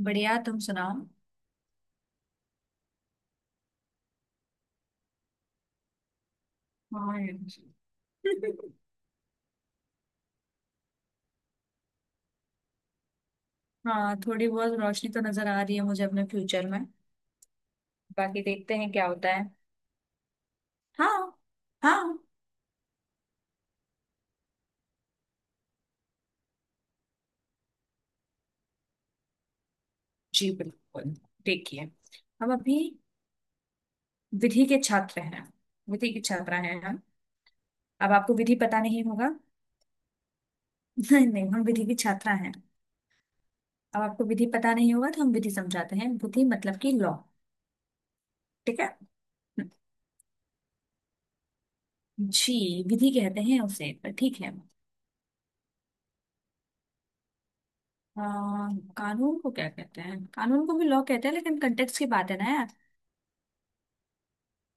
बढ़िया तुम सुनाओ। हाँ यार। हाँ, थोड़ी बहुत रोशनी तो नजर आ रही है मुझे अपने फ्यूचर में। बाकी देखते हैं क्या होता है। हाँ। हाँ, जी बिल्कुल। देखिए, हम अभी विधि के छात्र हैं, विधि की छात्रा हैं हम। अब आपको विधि पता नहीं होगा। नहीं नहीं, हम विधि की छात्रा हैं। अब आपको विधि पता नहीं होगा तो हम विधि समझाते हैं। विधि मतलब कि लॉ। ठीक है। हम्म, जी विधि कहते हैं उसे, पर ठीक है। अ, कानून को क्या कहते हैं? कानून को भी लॉ कहते हैं लेकिन कंटेक्स्ट की बात है ना यार।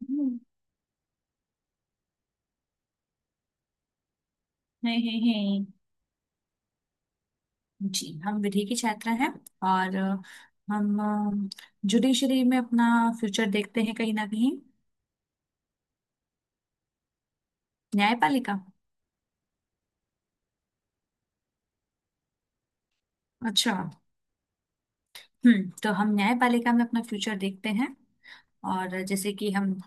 हम्म, है, है। जी हम विधि के छात्र हैं। और हम जुडिशरी में अपना फ्यूचर देखते हैं कहीं ना कहीं। न्यायपालिका। अच्छा। हम्म, तो हम न्यायपालिका में अपना फ्यूचर देखते हैं। और जैसे कि हम,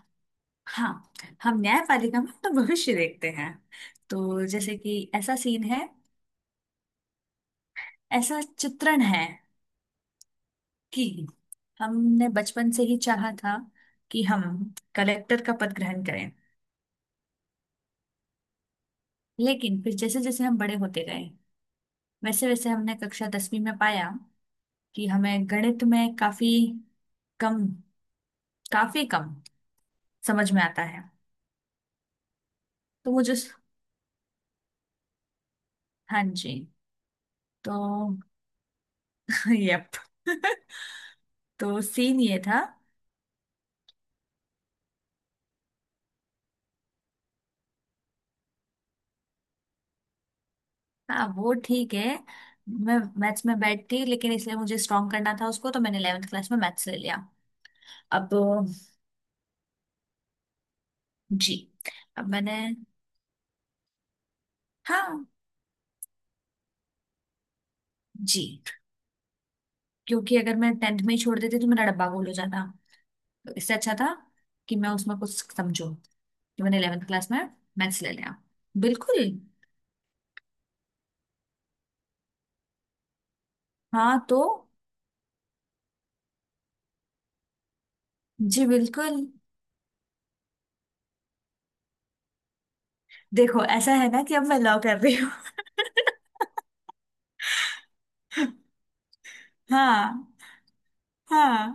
हाँ, हम न्यायपालिका में अपना भविष्य देखते हैं। तो जैसे कि ऐसा सीन है, ऐसा चित्रण है कि हमने बचपन से ही चाहा था कि हम कलेक्टर का पद ग्रहण करें। लेकिन फिर जैसे जैसे हम बड़े होते गए, वैसे वैसे हमने कक्षा दसवीं में पाया कि हमें गणित में काफी कम, काफी कम समझ में आता है। तो वो जो, हाँ जी, तो यप। तो सीन ये था। हाँ वो ठीक है। मैं मैथ्स में बैठ थी लेकिन इसलिए मुझे स्ट्रॉन्ग करना था उसको, तो मैंने 11th क्लास में मैथ्स ले लिया। अब जी, अब मैंने, हाँ जी, क्योंकि अगर मैं टेंथ में ही छोड़ देती तो मेरा डब्बा गोल हो जाता। तो इससे अच्छा था कि मैं उसमें कुछ समझूं, कि मैंने 11th क्लास में मैथ्स ले लिया। बिल्कुल। हाँ तो, जी बिल्कुल। देखो, ऐसा है ना कि अब मैं लव कर रही हूँ। हाँ। हाँ।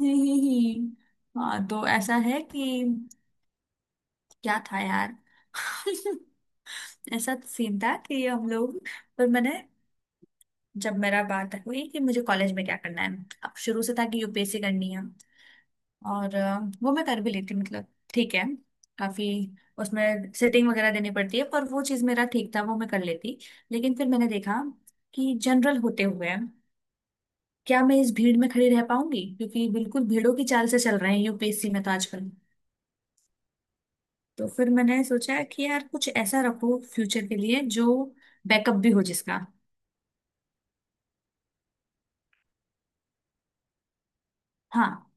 ही ही। हाँ तो ऐसा है कि क्या था यार। ऐसा सीन था कि हम लोग, पर मैंने, जब मेरा बात हुई कि मुझे कॉलेज में क्या करना है, अब शुरू से था कि यूपीएससी करनी है। और वो मैं कर भी लेती हूँ, मतलब ठीक है। काफी, उसमें सेटिंग वगैरह देनी पड़ती है पर वो चीज मेरा ठीक था, वो मैं कर लेती। लेकिन फिर मैंने देखा कि जनरल होते हुए क्या मैं इस भीड़ में खड़ी रह पाऊंगी, क्योंकि बिल्कुल भीड़ों की चाल से चल रहे हैं यूपीएससी में तो आजकल। तो फिर मैंने सोचा कि यार कुछ ऐसा रखो फ्यूचर के लिए जो बैकअप भी हो जिसका। हाँ,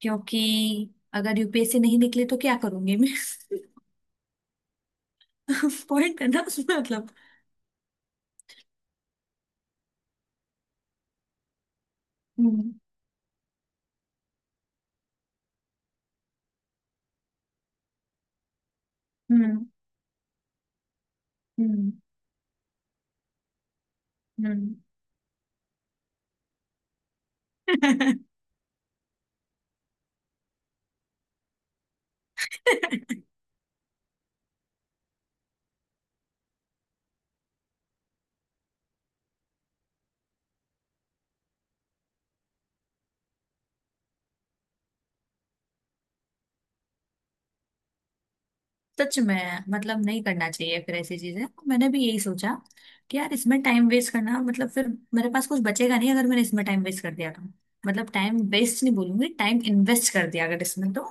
क्योंकि अगर यूपीएससी नहीं निकले तो क्या करूंगी मैं? पॉइंट करना उसमें मतलब। हम्म। हम्म। हम्म। हम्म। सच में, मतलब नहीं करना चाहिए फिर ऐसी चीजें। मैंने भी यही सोचा कि यार इसमें टाइम वेस्ट करना मतलब, फिर मेरे पास कुछ बचेगा नहीं अगर मैंने इसमें टाइम वेस्ट कर दिया तो। मतलब टाइम वेस्ट नहीं बोलूंगी, टाइम इन्वेस्ट कर दिया अगर इसमें तो।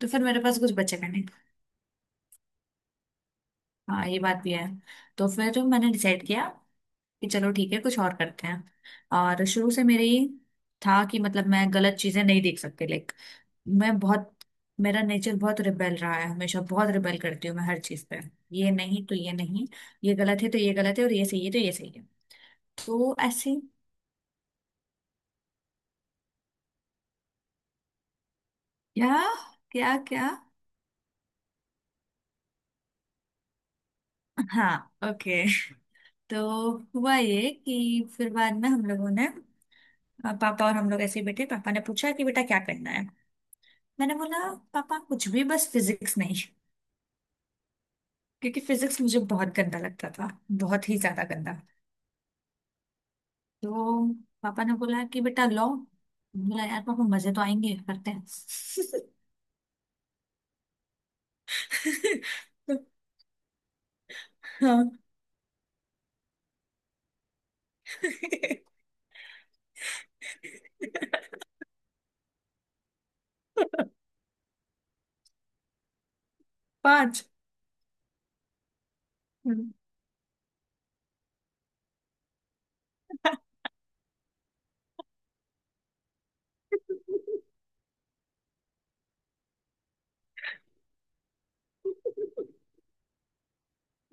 तो फिर मेरे पास कुछ बचेगा नहीं। हाँ, ये बात भी है। तो फिर मैंने डिसाइड किया कि चलो ठीक है, कुछ और करते हैं। और शुरू से मेरे ये था कि, मतलब मैं गलत चीजें नहीं देख सकती, लाइक, मैं बहुत, मेरा नेचर बहुत रिबेल रहा है हमेशा। बहुत रिबेल करती हूँ मैं हर चीज पे। ये नहीं तो ये नहीं, ये गलत है तो ये गलत है और ये सही है तो ये सही है। तो ऐसे, क्या, क्या क्या, हाँ, ओके। तो हुआ ये कि फिर बाद में हम लोगों ने, पापा और हम लोग ऐसे ही बैठे, पापा ने पूछा कि बेटा क्या करना है। मैंने बोला पापा कुछ भी बस फिजिक्स नहीं, क्योंकि फिजिक्स मुझे बहुत गंदा लगता था, बहुत ही ज्यादा गंदा। तो पापा ने बोला कि बेटा लो। बोला यार पापा मजे तो आएंगे, करते हैं। हाँ। पाँच। हम्म।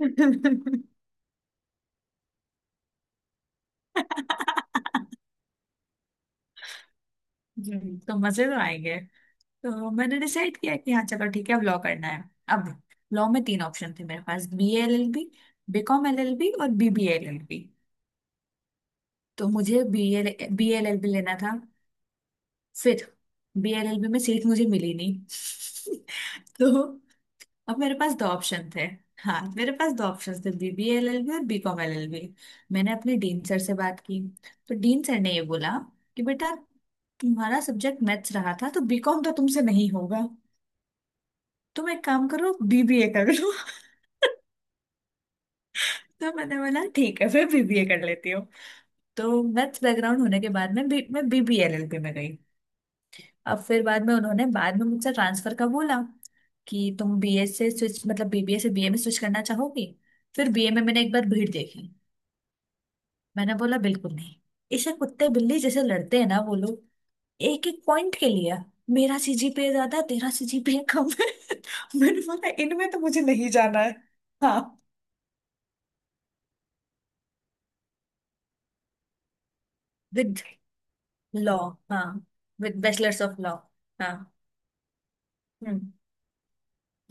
हम्म, तो मजे तो आएंगे। तो मैंने डिसाइड किया कि हाँ चलो ठीक है, अब लॉ करना है। अब लॉ में तीन ऑप्शन थे मेरे पास, B L L B, B com L L B और B B L L B. तो मुझे बी एल एल बी लेना था। फिर बीएलएलबी में सीट मुझे मिली नहीं। तो अब मेरे पास दो ऑप्शन थे, हाँ मेरे पास दो ऑप्शन थे, B B L L B और B com L L B. मैंने अपने डीन सर से बात की। तो डीन सर ने ये बोला कि बेटा, तुम्हारा सब्जेक्ट मैथ्स रहा था तो बी कॉम तो तुमसे नहीं होगा, तुम एक काम करो बीबीए कर लो। तो मैंने बोला ठीक है, फिर बीबीए कर लेती हूँ। तो मैथ्स बैकग्राउंड होने के बाद में, मैं बीबीएलएलबी में गई। अब फिर बाद में उन्होंने, बाद में मुझसे ट्रांसफर का बोला कि तुम बीए से स्विच, मतलब बीबीए से बीए में स्विच करना चाहोगी। फिर बीए में मैंने एक बार भीड़ देखी। मैंने बोला बिल्कुल नहीं। इसे कुत्ते बिल्ली जैसे लड़ते हैं ना वो लोग, एक एक पॉइंट के लिए। मेरा सीजीपीए ज्यादा है, तेरा सीजीपीए कम है। मैंने बोला इनमें तो मुझे नहीं जाना है। हाँ। With law. हाँ। With bachelors of law. हाँ। हम्म।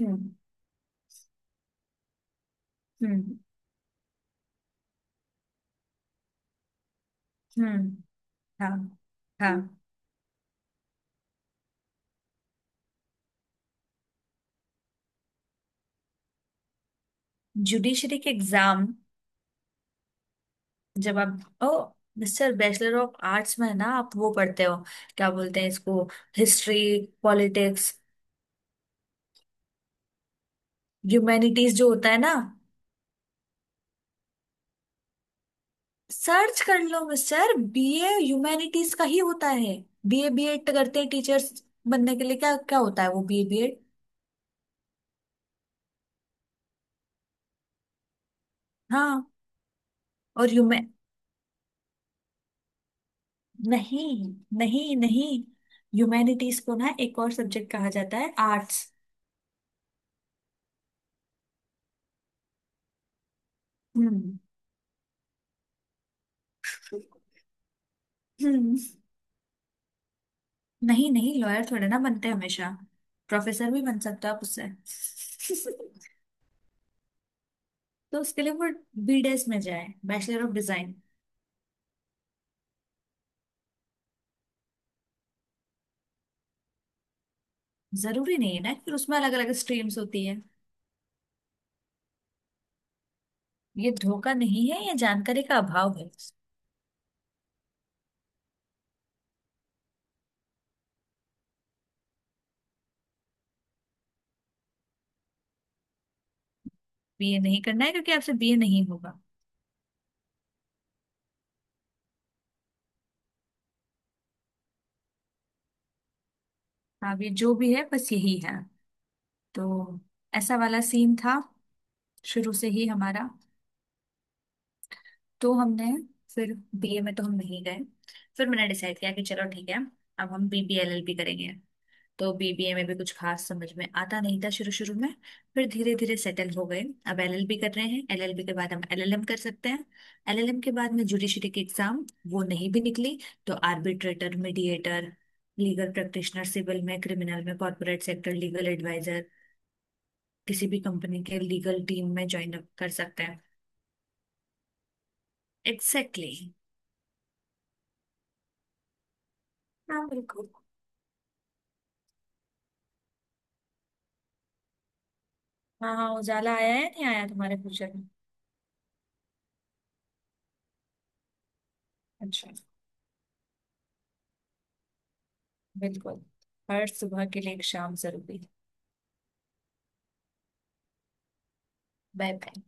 हम्म। हम्म। हम्म। हाँ। हाँ। जुडिशरी के एग्जाम जब आप, ओ सर, बैचलर ऑफ आर्ट्स में ना आप वो पढ़ते हो, क्या बोलते हैं इसको, हिस्ट्री, पॉलिटिक्स, ह्यूमैनिटीज जो होता है ना। सर्च कर लो मिस्टर, बीए ह्यूमैनिटीज का ही होता है। बीए बीएड करते हैं टीचर्स बनने के लिए, क्या क्या होता है वो बीए बीएड। हाँ। और ह्यूमैन, नहीं, नहीं नहीं, ह्यूमैनिटीज को ना एक और सब्जेक्ट कहा जाता है आर्ट्स। हम्म। हम्म। नहीं नहीं, लॉयर थोड़े ना बनते हैं हमेशा। प्रोफेसर भी बन सकता है आप उससे। तो उसके लिए वो बीडेस में जाए, बैचलर ऑफ डिजाइन। जरूरी नहीं है ना, कि उसमें अलग अलग स्ट्रीम्स होती है। ये धोखा नहीं है, ये जानकारी का अभाव है। बीए नहीं करना है क्योंकि आपसे बीए नहीं होगा। आप ये जो भी है बस यही है। तो ऐसा वाला सीन था, शुरू से ही हमारा। तो हमने, फिर बीए में तो हम नहीं गए। फिर मैंने डिसाइड किया कि चलो ठीक है, अब हम बीबीएलएल भी करेंगे। तो बीबीए में भी कुछ खास समझ में आता नहीं था शुरू शुरू में। फिर धीरे धीरे सेटल हो गए। अब एलएलबी कर रहे हैं, एलएलबी के बाद हम एलएलएम कर सकते हैं। एलएलएम के बाद में जुडिशरी की एग्जाम, वो नहीं भी निकली तो arbitrator, mediator, legal practitioner, civil में, क्रिमिनल में, कॉर्पोरेट सेक्टर, लीगल एडवाइजर, किसी भी कंपनी के लीगल टीम में ज्वाइन अप कर सकते हैं। Exactly, exactly. हाँ बिल्कुल। हाँ हाँ, उजाला आया है नहीं आया तुम्हारे फ्यूचर में? अच्छा। बिल्कुल। हर सुबह के लिए एक शाम जरूरी। Bye bye.